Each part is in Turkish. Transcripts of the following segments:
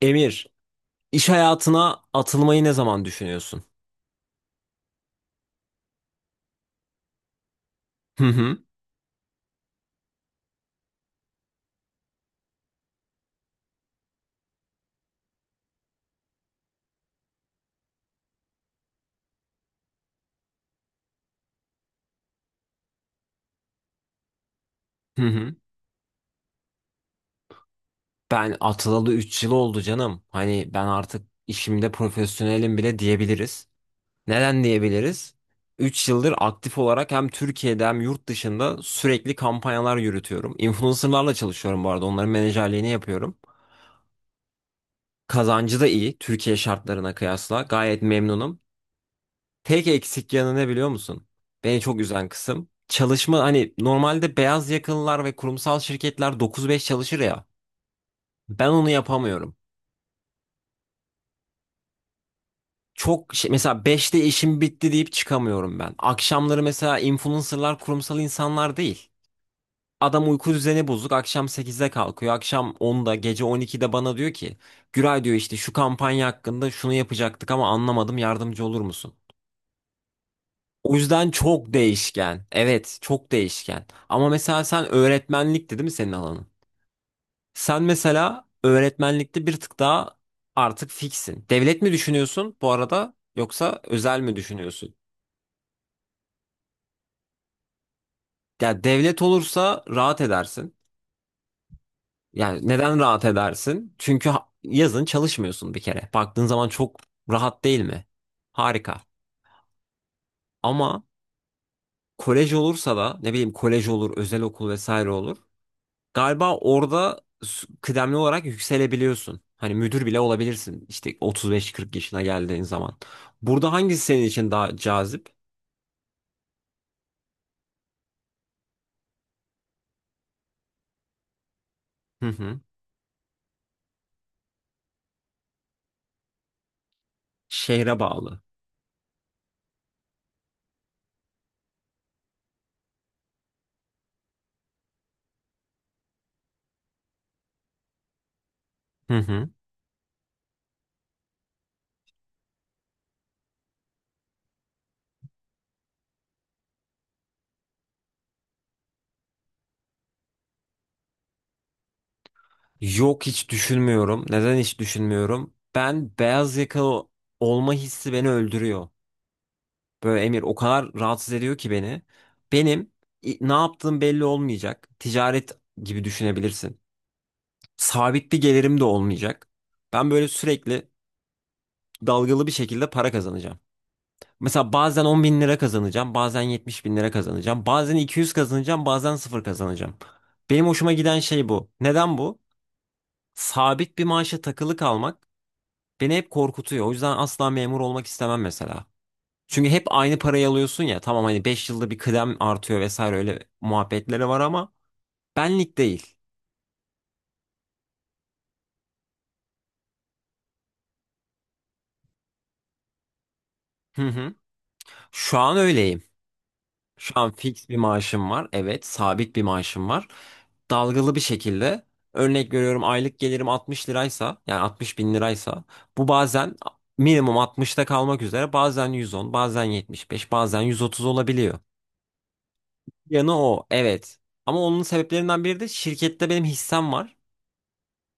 Emir, iş hayatına atılmayı ne zaman düşünüyorsun? Hı hı, hı hı. Ben atılalı 3 yıl oldu canım. Hani ben artık işimde profesyonelim bile diyebiliriz. Neden diyebiliriz? 3 yıldır aktif olarak hem Türkiye'de hem yurt dışında sürekli kampanyalar yürütüyorum. Influencerlarla çalışıyorum bu arada. Onların menajerliğini yapıyorum. Kazancı da iyi Türkiye şartlarına kıyasla. Gayet memnunum. Tek eksik yanı ne biliyor musun? Beni çok üzen kısım. Çalışma hani normalde beyaz yakalılar ve kurumsal şirketler 9-5 çalışır ya. Ben onu yapamıyorum. Çok şey, mesela 5'te işim bitti deyip çıkamıyorum ben. Akşamları mesela influencerlar kurumsal insanlar değil. Adam uyku düzeni bozuk. Akşam 8'de kalkıyor. Akşam 10'da, gece 12'de bana diyor ki, Güray diyor işte şu kampanya hakkında şunu yapacaktık ama anlamadım yardımcı olur musun? O yüzden çok değişken. Evet, çok değişken. Ama mesela sen öğretmenlikti değil mi senin alanın? Sen mesela öğretmenlikte bir tık daha artık fiksin. Devlet mi düşünüyorsun bu arada yoksa özel mi düşünüyorsun? Ya devlet olursa rahat edersin. Yani neden rahat edersin? Çünkü yazın çalışmıyorsun bir kere. Baktığın zaman çok rahat değil mi? Harika. Ama kolej olursa da ne bileyim kolej olur, özel okul vesaire olur. Galiba orada kıdemli olarak yükselebiliyorsun. Hani müdür bile olabilirsin. İşte 35-40 yaşına geldiğin zaman. Burada hangisi senin için daha cazip? Hı hı. Şehre bağlı. Hı hı. Yok hiç düşünmüyorum. Neden hiç düşünmüyorum? Ben beyaz yakalı olma hissi beni öldürüyor. Böyle Emir o kadar rahatsız ediyor ki beni. Benim ne yaptığım belli olmayacak. Ticaret gibi düşünebilirsin. Sabit bir gelirim de olmayacak. Ben böyle sürekli dalgalı bir şekilde para kazanacağım. Mesela bazen 10 bin lira kazanacağım, bazen 70 bin lira kazanacağım, bazen 200 kazanacağım, bazen sıfır kazanacağım. Benim hoşuma giden şey bu. Neden bu? Sabit bir maaşa takılı kalmak beni hep korkutuyor. O yüzden asla memur olmak istemem mesela. Çünkü hep aynı parayı alıyorsun ya. Tamam hani 5 yılda bir kıdem artıyor vesaire öyle muhabbetleri var ama benlik değil. Hı hı. Şu an öyleyim. Şu an fix bir maaşım var. Evet, sabit bir maaşım var. Dalgalı bir şekilde örnek veriyorum, aylık gelirim 60 liraysa yani 60 bin liraysa bu bazen minimum 60'ta kalmak üzere bazen 110 bazen 75 bazen 130 olabiliyor. Yanı o evet ama onun sebeplerinden biri de şirkette benim hissem var.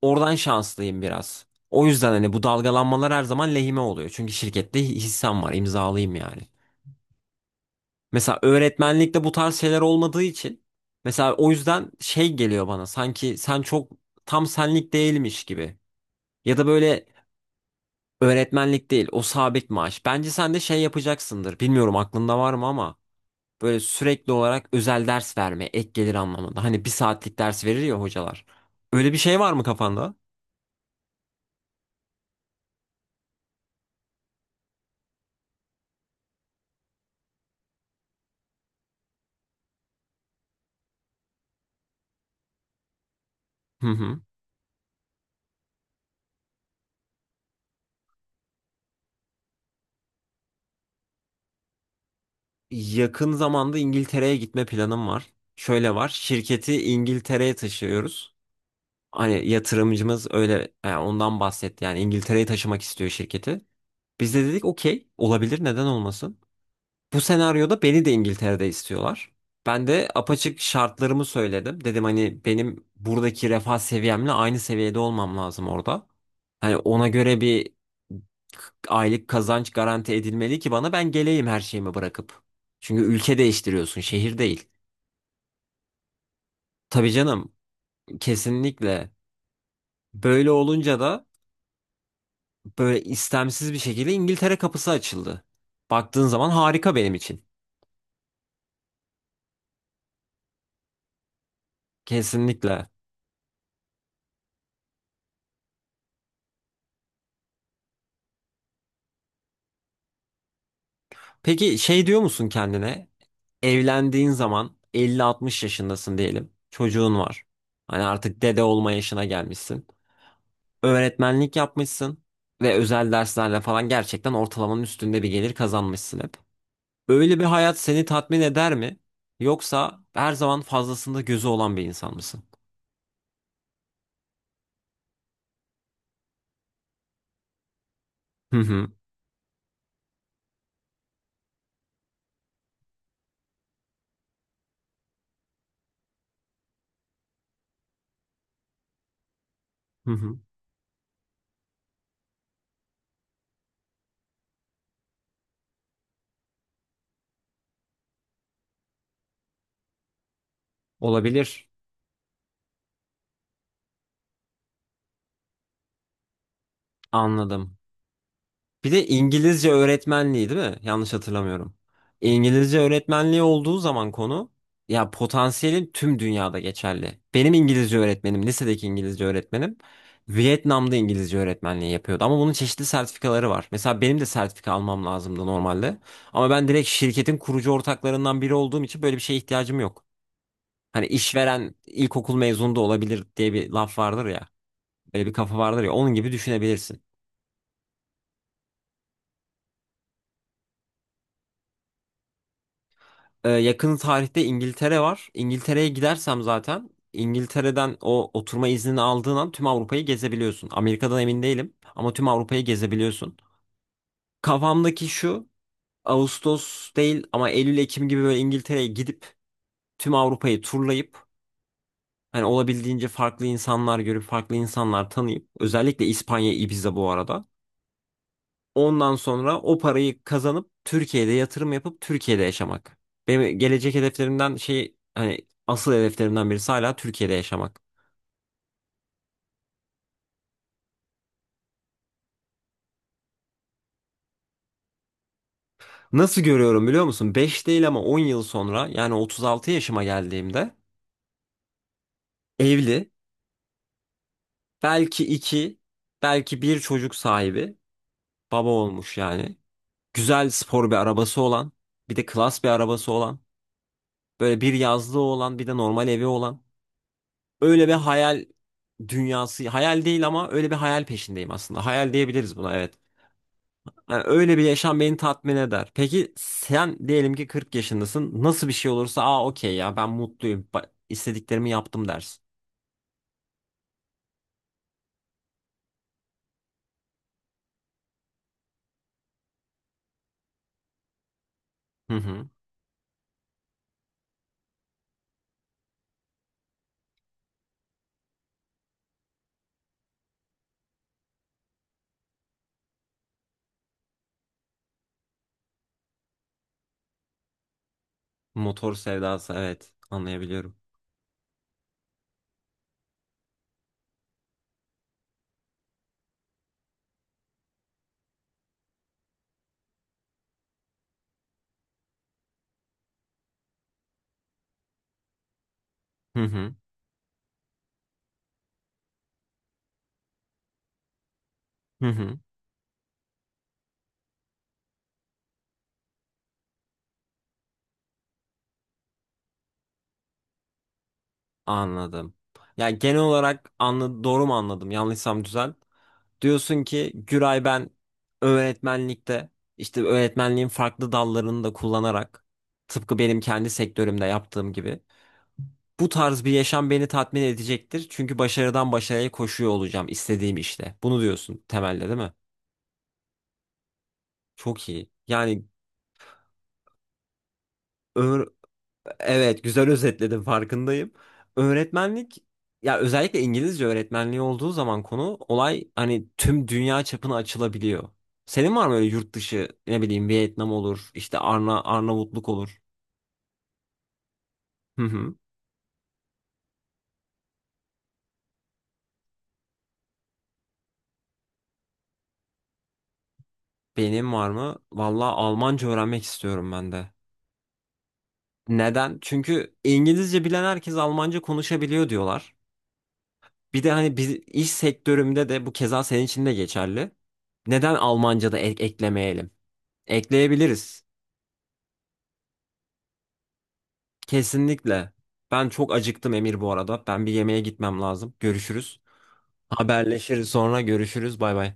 Oradan şanslıyım biraz. O yüzden hani bu dalgalanmalar her zaman lehime oluyor. Çünkü şirkette hissem var imzalıyım yani. Mesela öğretmenlikte bu tarz şeyler olmadığı için mesela o yüzden şey geliyor bana sanki sen çok tam senlik değilmiş gibi. Ya da böyle öğretmenlik değil o sabit maaş. Bence sen de şey yapacaksındır. Bilmiyorum aklında var mı ama böyle sürekli olarak özel ders verme ek gelir anlamında. Hani bir saatlik ders verir ya hocalar. Öyle bir şey var mı kafanda? Hı hı. Yakın zamanda İngiltere'ye gitme planım var. Şöyle var. Şirketi İngiltere'ye taşıyoruz. Hani yatırımcımız öyle yani ondan bahsetti. Yani İngiltere'ye taşımak istiyor şirketi. Biz de dedik okey olabilir neden olmasın. Bu senaryoda beni de İngiltere'de istiyorlar. Ben de apaçık şartlarımı söyledim. Dedim hani benim buradaki refah seviyemle aynı seviyede olmam lazım orada. Hani ona göre bir aylık kazanç garanti edilmeli ki bana ben geleyim her şeyimi bırakıp. Çünkü ülke değiştiriyorsun, şehir değil. Tabii canım, kesinlikle. Böyle olunca da böyle istemsiz bir şekilde İngiltere kapısı açıldı. Baktığın zaman harika benim için. Kesinlikle. Peki şey diyor musun kendine? Evlendiğin zaman 50 60 yaşındasın diyelim. Çocuğun var. Hani artık dede olma yaşına gelmişsin. Öğretmenlik yapmışsın ve özel derslerle falan gerçekten ortalamanın üstünde bir gelir kazanmışsın hep. Öyle bir hayat seni tatmin eder mi? Yoksa her zaman fazlasında gözü olan bir insan mısın? Hı hı. Hı hı. Olabilir. Anladım. Bir de İngilizce öğretmenliği değil mi? Yanlış hatırlamıyorum. İngilizce öğretmenliği olduğu zaman konu ya potansiyelin tüm dünyada geçerli. Benim İngilizce öğretmenim, lisedeki İngilizce öğretmenim Vietnam'da İngilizce öğretmenliği yapıyordu. Ama bunun çeşitli sertifikaları var. Mesela benim de sertifika almam lazımdı normalde. Ama ben direkt şirketin kurucu ortaklarından biri olduğum için böyle bir şeye ihtiyacım yok. Hani işveren ilkokul mezunu da olabilir diye bir laf vardır ya. Böyle bir kafa vardır ya. Onun gibi düşünebilirsin. Yakın tarihte İngiltere var. İngiltere'ye gidersem zaten İngiltere'den o oturma iznini aldığın an tüm Avrupa'yı gezebiliyorsun. Amerika'dan emin değilim ama tüm Avrupa'yı gezebiliyorsun. Kafamdaki şu Ağustos değil ama Eylül-Ekim gibi böyle İngiltere'ye gidip tüm Avrupa'yı turlayıp hani olabildiğince farklı insanlar görüp farklı insanlar tanıyıp özellikle İspanya, Ibiza bu arada. Ondan sonra o parayı kazanıp Türkiye'de yatırım yapıp Türkiye'de yaşamak. Benim gelecek hedeflerimden şey hani asıl hedeflerimden birisi hala Türkiye'de yaşamak. Nasıl görüyorum biliyor musun? 5 değil ama 10 yıl sonra yani 36 yaşıma geldiğimde evli, belki 2 belki bir çocuk sahibi, baba olmuş yani. Güzel spor bir arabası olan, bir de klas bir arabası olan, böyle bir yazlığı olan, bir de normal evi olan. Öyle bir hayal dünyası, hayal değil ama öyle bir hayal peşindeyim aslında. Hayal diyebiliriz buna evet. Yani öyle bir yaşam beni tatmin eder. Peki sen diyelim ki 40 yaşındasın. Nasıl bir şey olursa aa okey ya ben mutluyum. İstediklerimi yaptım dersin. Hı hı. Motor sevdası evet anlayabiliyorum. Hı hı. Hı hı. Anladım. Ya genel olarak anla doğru mu anladım? Yanlışsam düzelt. Diyorsun ki Güray ben öğretmenlikte işte öğretmenliğin farklı dallarını da kullanarak tıpkı benim kendi sektörümde yaptığım gibi bu tarz bir yaşam beni tatmin edecektir. Çünkü başarıdan başarıya koşuyor olacağım istediğim işte. Bunu diyorsun temelde değil mi? Çok iyi. Yani ö. Evet, güzel özetledin farkındayım. Öğretmenlik ya özellikle İngilizce öğretmenliği olduğu zaman konu olay hani tüm dünya çapına açılabiliyor. Senin var mı öyle yurt dışı ne bileyim Vietnam olur, işte Arnavutluk olur. Hı hı. Benim var mı? Vallahi Almanca öğrenmek istiyorum ben de. Neden? Çünkü İngilizce bilen herkes Almanca konuşabiliyor diyorlar. Bir de hani biz iş sektörümde de bu keza senin için de geçerli. Neden Almanca da eklemeyelim? Ekleyebiliriz. Kesinlikle. Ben çok acıktım Emir bu arada. Ben bir yemeğe gitmem lazım. Görüşürüz. Haberleşiriz sonra görüşürüz. Bay bay.